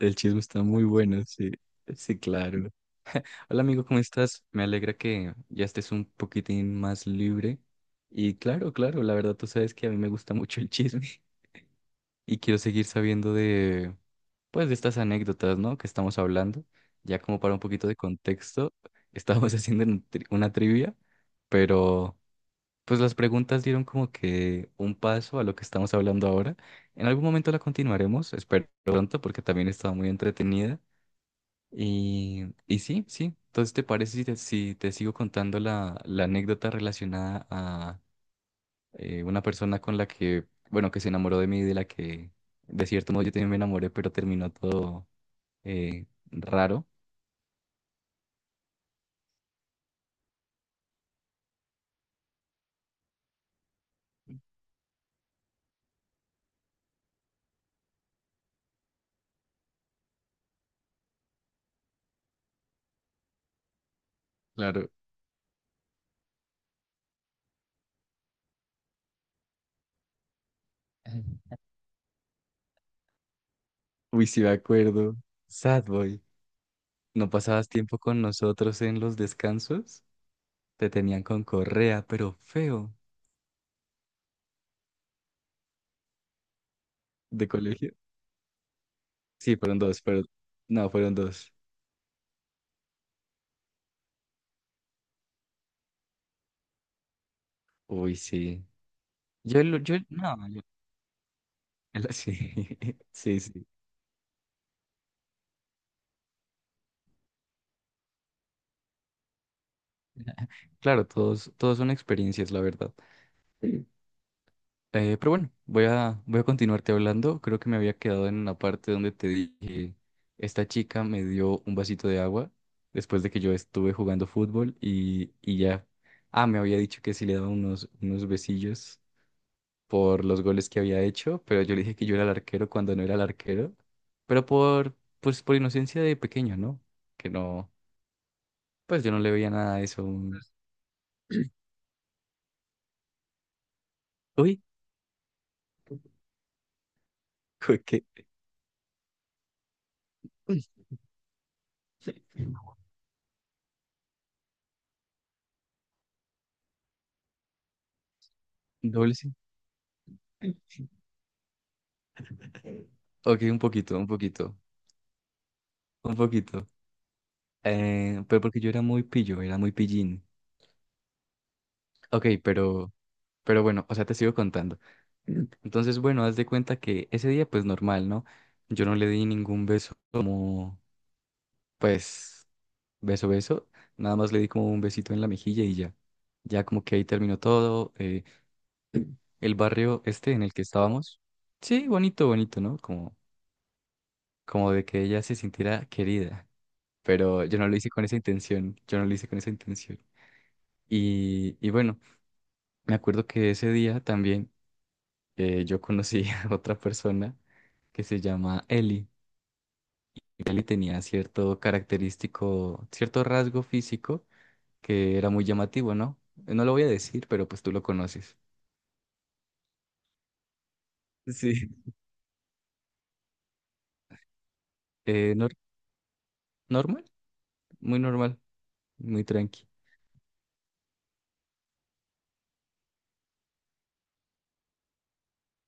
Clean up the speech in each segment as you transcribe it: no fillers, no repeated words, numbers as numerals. El chisme está muy bueno, sí. Sí, claro. Hola amigo, ¿cómo estás? Me alegra que ya estés un poquitín más libre. Y claro, claro, la verdad tú sabes que a mí me gusta mucho el chisme y quiero seguir sabiendo de, pues, de estas anécdotas, ¿no? Que estamos hablando. Ya como para un poquito de contexto, estábamos haciendo una una trivia, pero pues las preguntas dieron como que un paso a lo que estamos hablando ahora. En algún momento la continuaremos, espero pronto, porque también estaba muy entretenida. Y sí, sí. Entonces, ¿te parece si te sigo contando la anécdota relacionada a una persona con la que, bueno, que se enamoró de mí, de la que, de cierto modo, yo también me enamoré, pero terminó todo eh, raro? Claro. Uy, sí, me acuerdo. Sad boy. ¿No pasabas tiempo con nosotros en los descansos? Te tenían con correa, pero feo, de colegio. Sí, fueron dos, pero no, fueron dos. Uy, sí. Yo, lo- yo, no, yo, Sí, sí, sí. Claro, todos, todos son experiencias, la verdad. Sí. Pero bueno, voy a continuarte hablando. Creo que me había quedado en una parte donde te dije, esta chica me dio un vasito de agua después de que yo estuve jugando fútbol y ya. Ah, me había dicho que sí le daba unos besillos por los goles que había hecho, pero yo le dije que yo era el arquero cuando no era el arquero, pero por, pues, por inocencia de pequeño, ¿no? Que no, pues yo no le veía nada a eso. Uy, uy, ¿qué? Uy, doble sí. Ok, un poquito, un poquito, un poquito. Pero porque yo era muy pillo, era muy pillín. Ok, pero bueno, o sea, te sigo contando. Entonces, bueno, haz de cuenta que ese día, pues normal, ¿no? Yo no le di ningún beso como, pues, beso, beso. Nada más le di como un besito en la mejilla y ya. Ya como que ahí terminó todo. El barrio este en el que estábamos. Sí, bonito, bonito, ¿no? Como, como de que ella se sintiera querida. Pero yo no lo hice con esa intención, yo no lo hice con esa intención. Y bueno, me acuerdo que ese día también yo conocí a otra persona que se llama Eli. Eli tenía cierto característico, cierto rasgo físico que era muy llamativo, ¿no? No lo voy a decir, pero pues tú lo conoces. Sí. Eh, nor- Normal, muy normal, muy tranqui.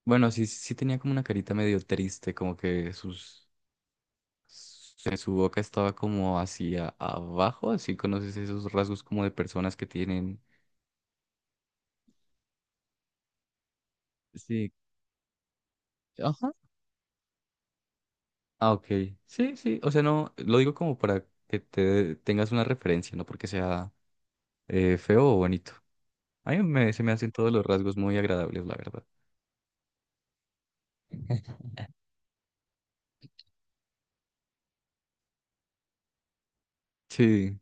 Bueno, sí, sí tenía como una carita medio triste, como que sus su boca estaba como hacia abajo, así conoces esos rasgos como de personas que tienen... Sí, ajá. Ah, ok. Sí, sí. O sea, no, lo digo como para que te tengas una referencia, no porque sea feo o bonito. Se me hacen todos los rasgos muy agradables, la verdad. Sí.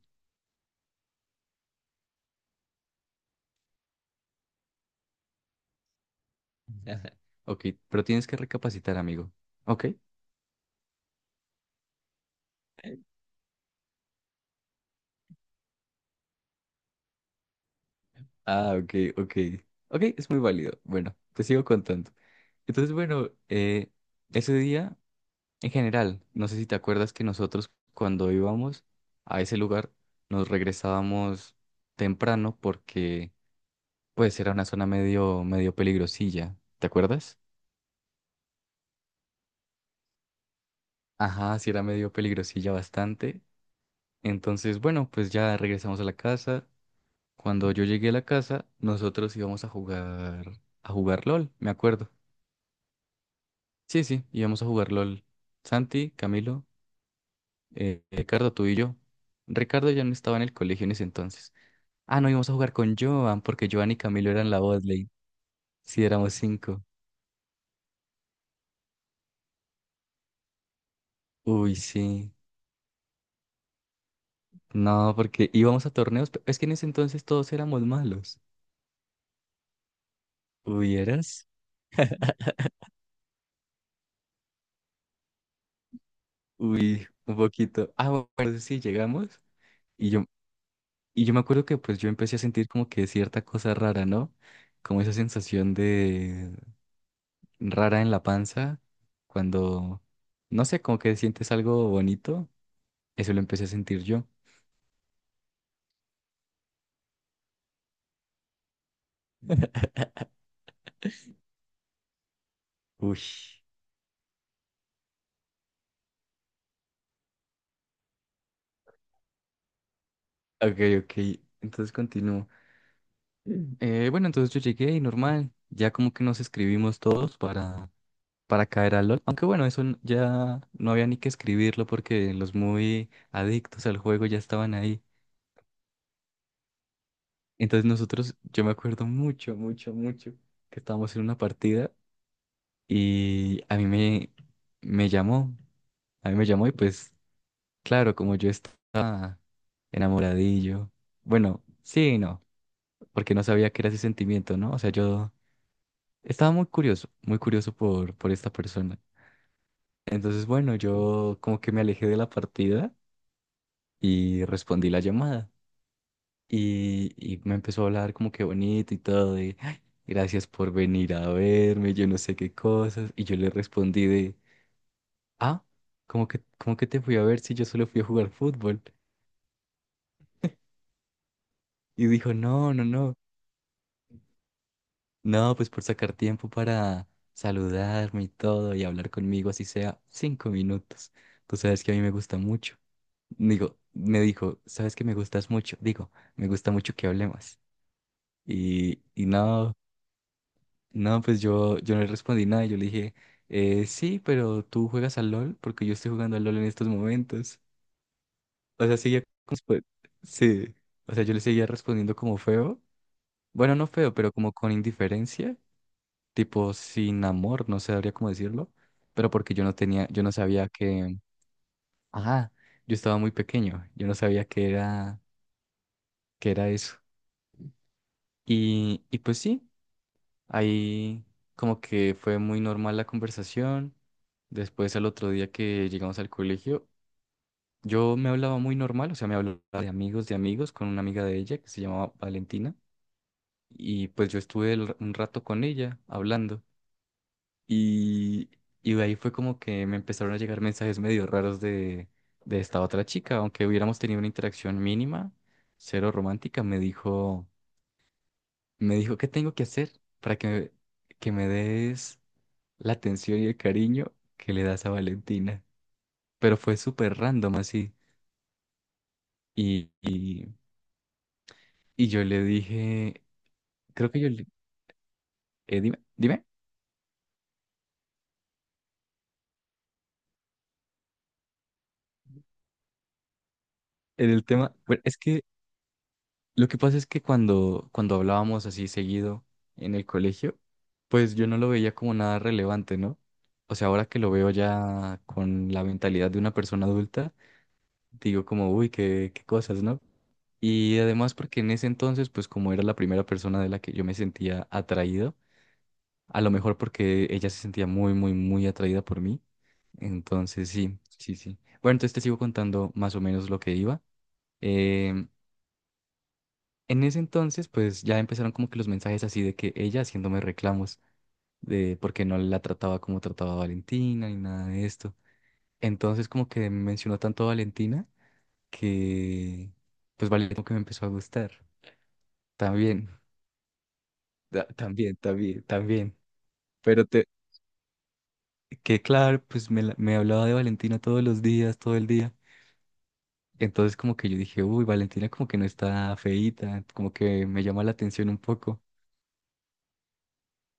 Ok, pero tienes que recapacitar, amigo. Ok. Ah, ok, ok. Ok, es muy válido. Bueno, te sigo contando. Entonces, bueno, ese día... En general, no sé si te acuerdas que nosotros cuando íbamos a ese lugar nos regresábamos temprano porque pues era una zona medio, medio peligrosilla, ¿te acuerdas? Ajá, sí era medio peligrosilla bastante. Entonces, bueno, pues ya regresamos a la casa. Cuando yo llegué a la casa, nosotros íbamos a jugar LOL, me acuerdo. Sí, sí, íbamos a jugar LOL. Santi, Camilo, Ricardo, tú y yo. Ricardo ya no estaba en el colegio en ese entonces. Ah, no, íbamos a jugar con Joan, porque Joan y Camilo eran la botlane. Sí, éramos cinco. Uy, sí. No, porque íbamos a torneos. Es que en ese entonces todos éramos malos. ¿Hubieras? Uy, un poquito. Ah, bueno, sí, llegamos. Y yo, y yo me acuerdo que pues yo empecé a sentir como que cierta cosa rara, ¿no? Como esa sensación de rara en la panza, cuando, no sé, como que sientes algo bonito. Eso lo empecé a sentir yo. Uy. Ok, ok. Entonces continúo. Bueno, entonces yo llegué y normal, ya como que nos escribimos todos para caer al LOL. Aunque bueno, ya no había ni que escribirlo porque los muy adictos al juego ya estaban ahí. Entonces nosotros, yo me acuerdo mucho, mucho, mucho que estábamos en una partida y me llamó, a mí me llamó y pues claro, como yo estaba enamoradillo, bueno, sí, y no, porque no sabía que era ese sentimiento, ¿no? O sea, yo... Estaba muy curioso por esta persona. Entonces, bueno, yo como que me alejé de la partida y respondí la llamada. Y me empezó a hablar como que bonito y todo, de "Ay, gracias por venir a verme, yo no sé qué cosas". Y yo le respondí de, ah, como que te fui a ver si yo solo fui a jugar fútbol. Y dijo, no, no, no, no, pues por sacar tiempo para saludarme y todo y hablar conmigo, así sea 5 minutos. Tú sabes que a mí me gusta mucho. Digo, me dijo, ¿sabes que me gustas mucho? Digo, me gusta mucho que hablemos. Y, y no, no, pues yo no le respondí nada. Yo le dije, sí, pero tú juegas al LOL porque yo estoy jugando al LOL en estos momentos. O sea, seguía como, pues, sí. O sea, yo le seguía respondiendo como feo. Bueno, no feo, pero como con indiferencia, tipo sin amor, no sabría cómo decirlo. Pero porque yo no tenía, yo no sabía que, ajá, yo estaba muy pequeño. Yo no sabía que era eso. Y pues sí, ahí como que fue muy normal la conversación. Después al otro día que llegamos al colegio, yo me hablaba muy normal, o sea, me hablaba de amigos, con una amiga de ella que se llamaba Valentina. Y pues yo estuve un rato con ella hablando. Y, y de ahí fue como que me empezaron a llegar mensajes medio raros de esta otra chica, aunque hubiéramos tenido una interacción mínima, cero romántica, me dijo... Me dijo, ¿qué tengo que hacer para que, que me des la atención y el cariño que le das a Valentina? Pero fue súper random así. Y, y, y yo le dije, creo que yo le... Dime, dime, en el tema... Bueno, es que lo que pasa es que cuando hablábamos así seguido en el colegio, pues yo no lo veía como nada relevante, ¿no? O sea, ahora que lo veo ya con la mentalidad de una persona adulta, digo como, uy, qué, qué cosas, ¿no? Y además porque en ese entonces, pues como era la primera persona de la que yo me sentía atraído, a lo mejor porque ella se sentía muy, muy, muy atraída por mí. Entonces, sí, sí, sí. Bueno, entonces te sigo contando más o menos lo que iba. Em, en ese entonces, pues ya empezaron como que los mensajes así de que ella haciéndome reclamos de por qué no la trataba como trataba a Valentina ni nada de esto. Entonces como que mencionó tanto a Valentina que pues Valentina como que me empezó a gustar también. También, también, también. Pero te, que claro, me hablaba de Valentina todos los días, todo el día. Entonces como que yo dije, uy, Valentina como que no está feíta, como que me llama la atención un poco.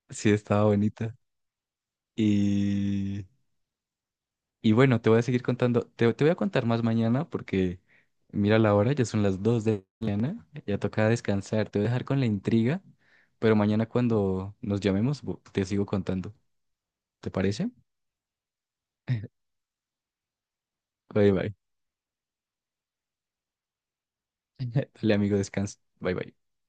Sí, estaba bonita. Y, y bueno, te voy a seguir contando, te voy a contar más mañana porque mira la hora, ya son las 2 de la mañana, ya toca descansar, te voy a dejar con la intriga, pero mañana cuando nos llamemos te sigo contando, ¿te parece? Bye, bye. Dale, amigo, descansa. Bye, bye.